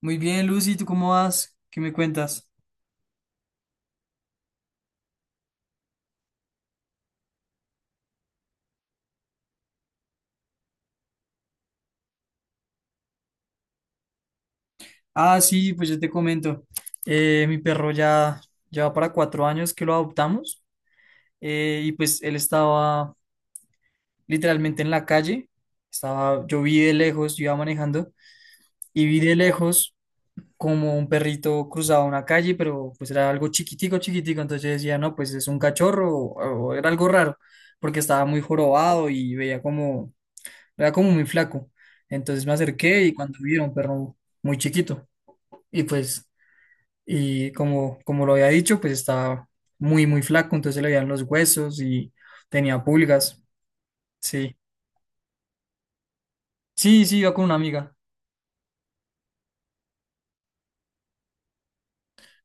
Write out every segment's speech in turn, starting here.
Muy bien, Lucy, ¿tú cómo vas? ¿Qué me cuentas? Ah, sí, pues yo te comento. Mi perro ya lleva para 4 años que lo adoptamos y pues él estaba literalmente en la calle. Yo vi de lejos, yo iba manejando y vi de lejos como un perrito cruzaba una calle, pero pues era algo chiquitico, chiquitico. Entonces yo decía, no, pues es un cachorro o era algo raro porque estaba muy jorobado y veía como era como muy flaco. Entonces me acerqué y cuando vi era un perro muy chiquito. Y pues, y como lo había dicho, pues estaba muy, muy flaco, entonces se le veían los huesos y tenía pulgas. Sí, sí, sí, iba con una amiga.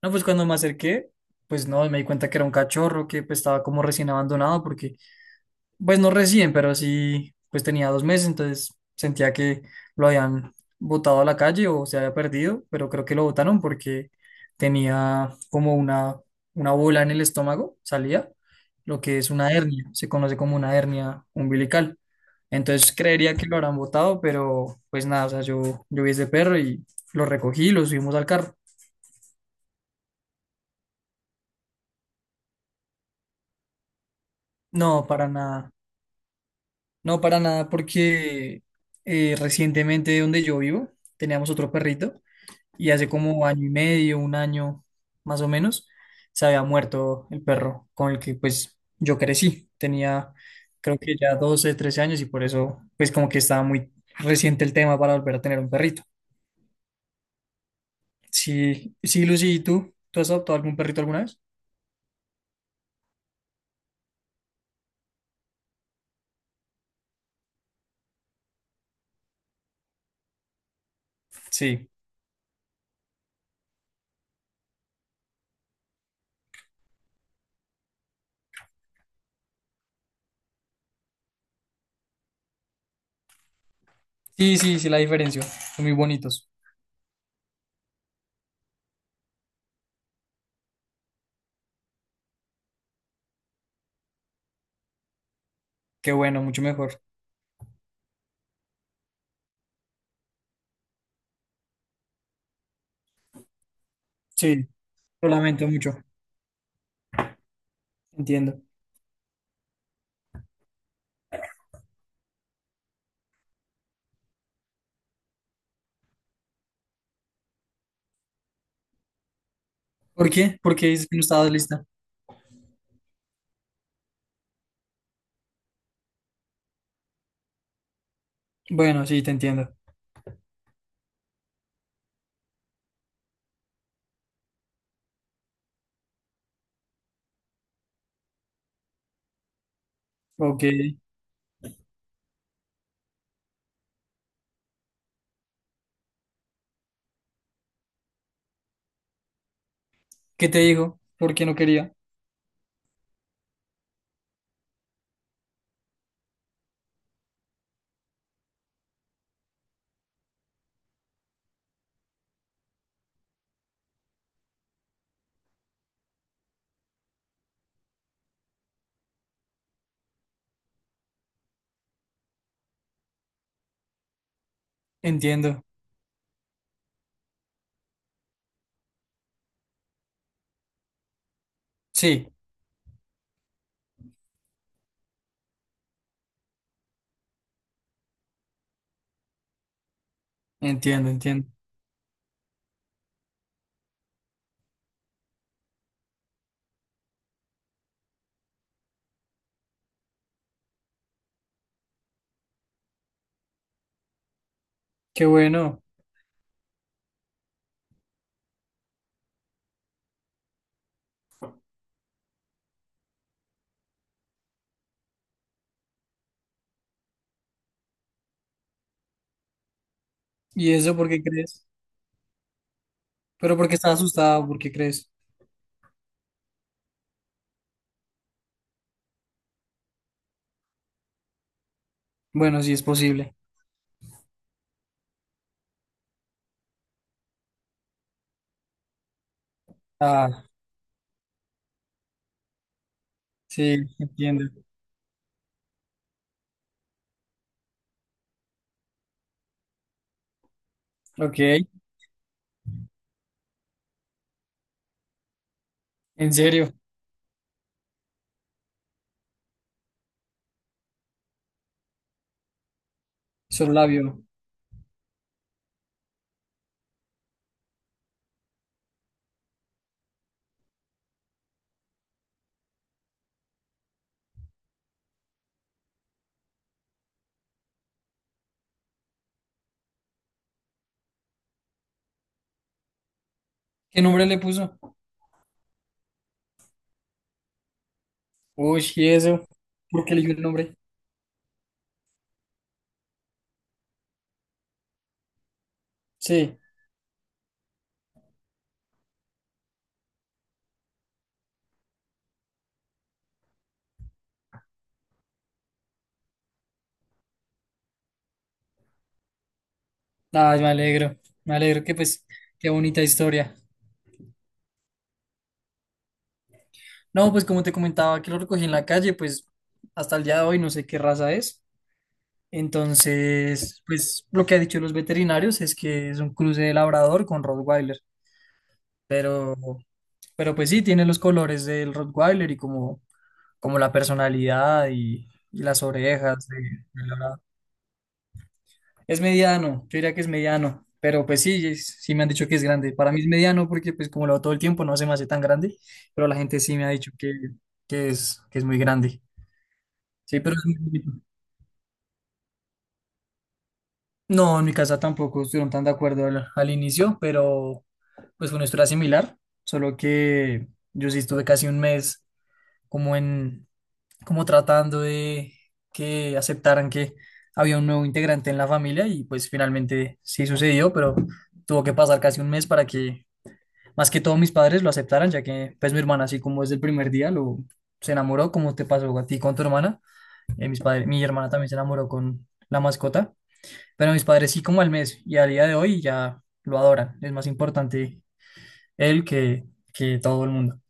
No, pues cuando me acerqué, pues no, me di cuenta que era un cachorro que pues, estaba como recién abandonado porque pues no recién, pero sí, pues tenía 2 meses, entonces sentía que lo habían botado a la calle o se había perdido, pero creo que lo botaron porque tenía como una bola en el estómago, salía, lo que es una hernia, se conoce como una hernia umbilical. Entonces creería que lo habrán botado, pero pues nada, o sea, yo vi ese perro y lo recogí, lo subimos al carro. No, para nada, no para nada, porque recientemente donde yo vivo teníamos otro perrito. Y hace como año y medio, un año más o menos, se había muerto el perro con el que pues yo crecí. Tenía creo que ya 12 13 años y por eso pues como que estaba muy reciente el tema para volver a tener un perrito. Sí, sí, Lucy, ¿y tú? ¿Tú has adoptado algún perrito alguna vez? Sí. Sí, sí, sí, la diferencia. Son muy bonitos. Qué bueno, mucho mejor. Sí, lo lamento mucho. Entiendo. ¿Por qué? ¿Por qué dices que no estabas lista? Bueno, sí, te entiendo. Ok. ¿Qué te dijo? ¿Por qué no quería? Entiendo. Sí, entiendo, entiendo. Qué bueno. ¿Y eso por qué crees? Pero porque estás asustado, ¿por qué crees? Bueno, sí es posible. Ah, sí, entiendo. Ok, en serio, solo la vio. ¿Qué nombre le puso? Uy, ¿y eso? ¿Por qué eligió el nombre? Sí. Ay, me alegro. Me alegro que pues, qué bonita historia. No, pues como te comentaba que lo recogí en la calle, pues hasta el día de hoy no sé qué raza es. Entonces, pues lo que han dicho los veterinarios es que es un cruce de labrador con Rottweiler, pero, pero pues sí, tiene los colores del Rottweiler y como la personalidad y las orejas del labrador. Es mediano, yo diría que es mediano, pero pues sí, sí me han dicho que es grande. Para mí es mediano porque pues como lo hago todo el tiempo no se me hace tan grande, pero la gente sí me ha dicho que es muy grande. Sí, pero es muy bonito. No, en mi casa tampoco estuvieron tan de acuerdo al inicio, pero pues fue una historia similar, solo que yo sí estuve casi un mes como en, como tratando de que aceptaran que había un nuevo integrante en la familia y pues finalmente sí sucedió, pero tuvo que pasar casi un mes para que más que todo mis padres lo aceptaran, ya que pues mi hermana así como desde el primer día lo se enamoró, como te pasó a ti con tu hermana, mi hermana también se enamoró con la mascota. Pero mis padres sí como al mes y a día de hoy ya lo adoran. Es más importante él que todo el mundo.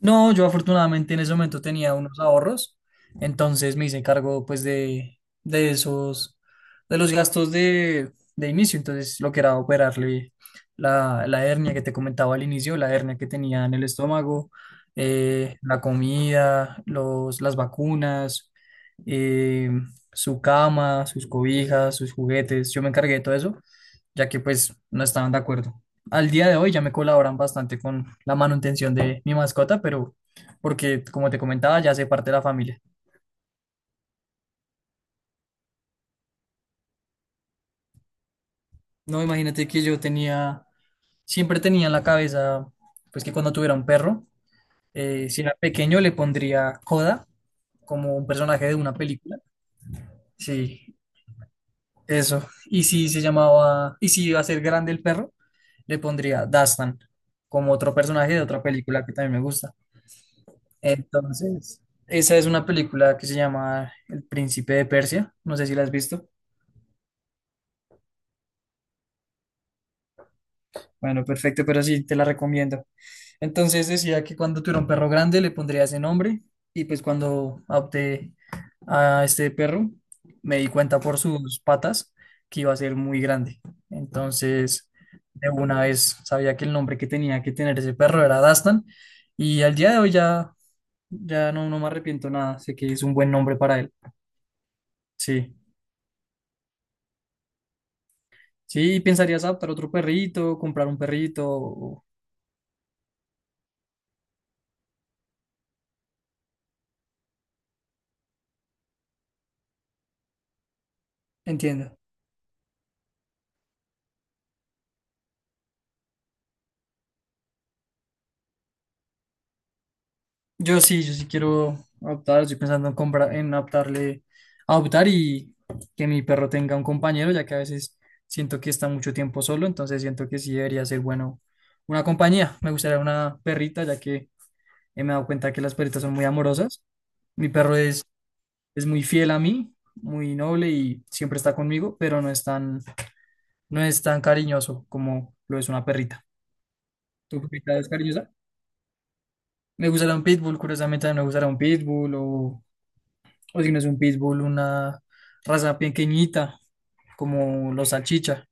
No, yo afortunadamente en ese momento tenía unos ahorros, entonces me hice cargo pues de esos, de los gastos de inicio, entonces lo que era operarle la hernia que te comentaba al inicio, la hernia que tenía en el estómago, la comida, las vacunas, eh, su cama, sus cobijas, sus juguetes, yo me encargué de todo eso, ya que pues no estaban de acuerdo al día de hoy ya me colaboran bastante con la manutención de mi mascota, pero porque, como te comentaba, ya hace parte de la familia. No, imagínate que siempre tenía en la cabeza, pues que cuando tuviera un perro, si era pequeño le pondría Coda como un personaje de una película. Sí, eso. Y si iba a ser grande el perro, le pondría Dastan como otro personaje de otra película que también me gusta. Entonces, esa es una película que se llama El Príncipe de Persia. No sé si la has visto. Bueno, perfecto, pero sí, te la recomiendo. Entonces decía que cuando tuviera un perro grande le pondría ese nombre y pues cuando adopté a este perro me di cuenta por sus patas que iba a ser muy grande. Entonces, de una vez sabía que el nombre que tenía que tener ese perro era Dastan y al día de hoy ya no me arrepiento nada. Sé que es un buen nombre para él. Sí. Sí, pensarías adoptar otro perrito, comprar un perrito. Entiendo. Yo sí, yo sí quiero adoptar, estoy pensando en comprar, en adoptarle, adoptar y que mi perro tenga un compañero, ya que a veces siento que está mucho tiempo solo, entonces siento que sí debería ser bueno una compañía. Me gustaría una perrita, ya que me he dado cuenta que las perritas son muy amorosas. Mi perro es muy fiel a mí, muy noble y siempre está conmigo, pero no es tan cariñoso como lo es una perrita. ¿Tu perrita es cariñosa? Me gustará un pitbull, curiosamente también me gustará un pitbull o si no es un pitbull, una raza pequeñita como los salchicha.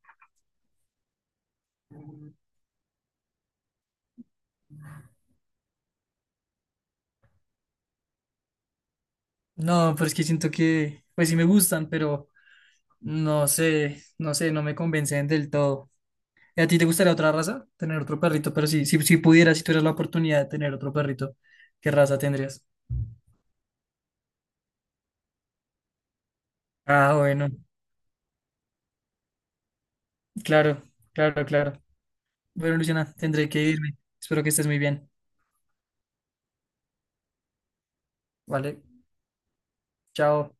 No, pero es que siento que, pues sí me gustan, pero no sé, no sé, no me convencen del todo. ¿Y a ti te gustaría otra raza? Tener otro perrito, pero sí, si pudieras, si tuvieras la oportunidad de tener otro perrito, ¿qué raza tendrías? Ah, bueno, claro, claro, claro. Bueno, Luciana, tendré que irme. Espero que estés muy bien. Vale, chao.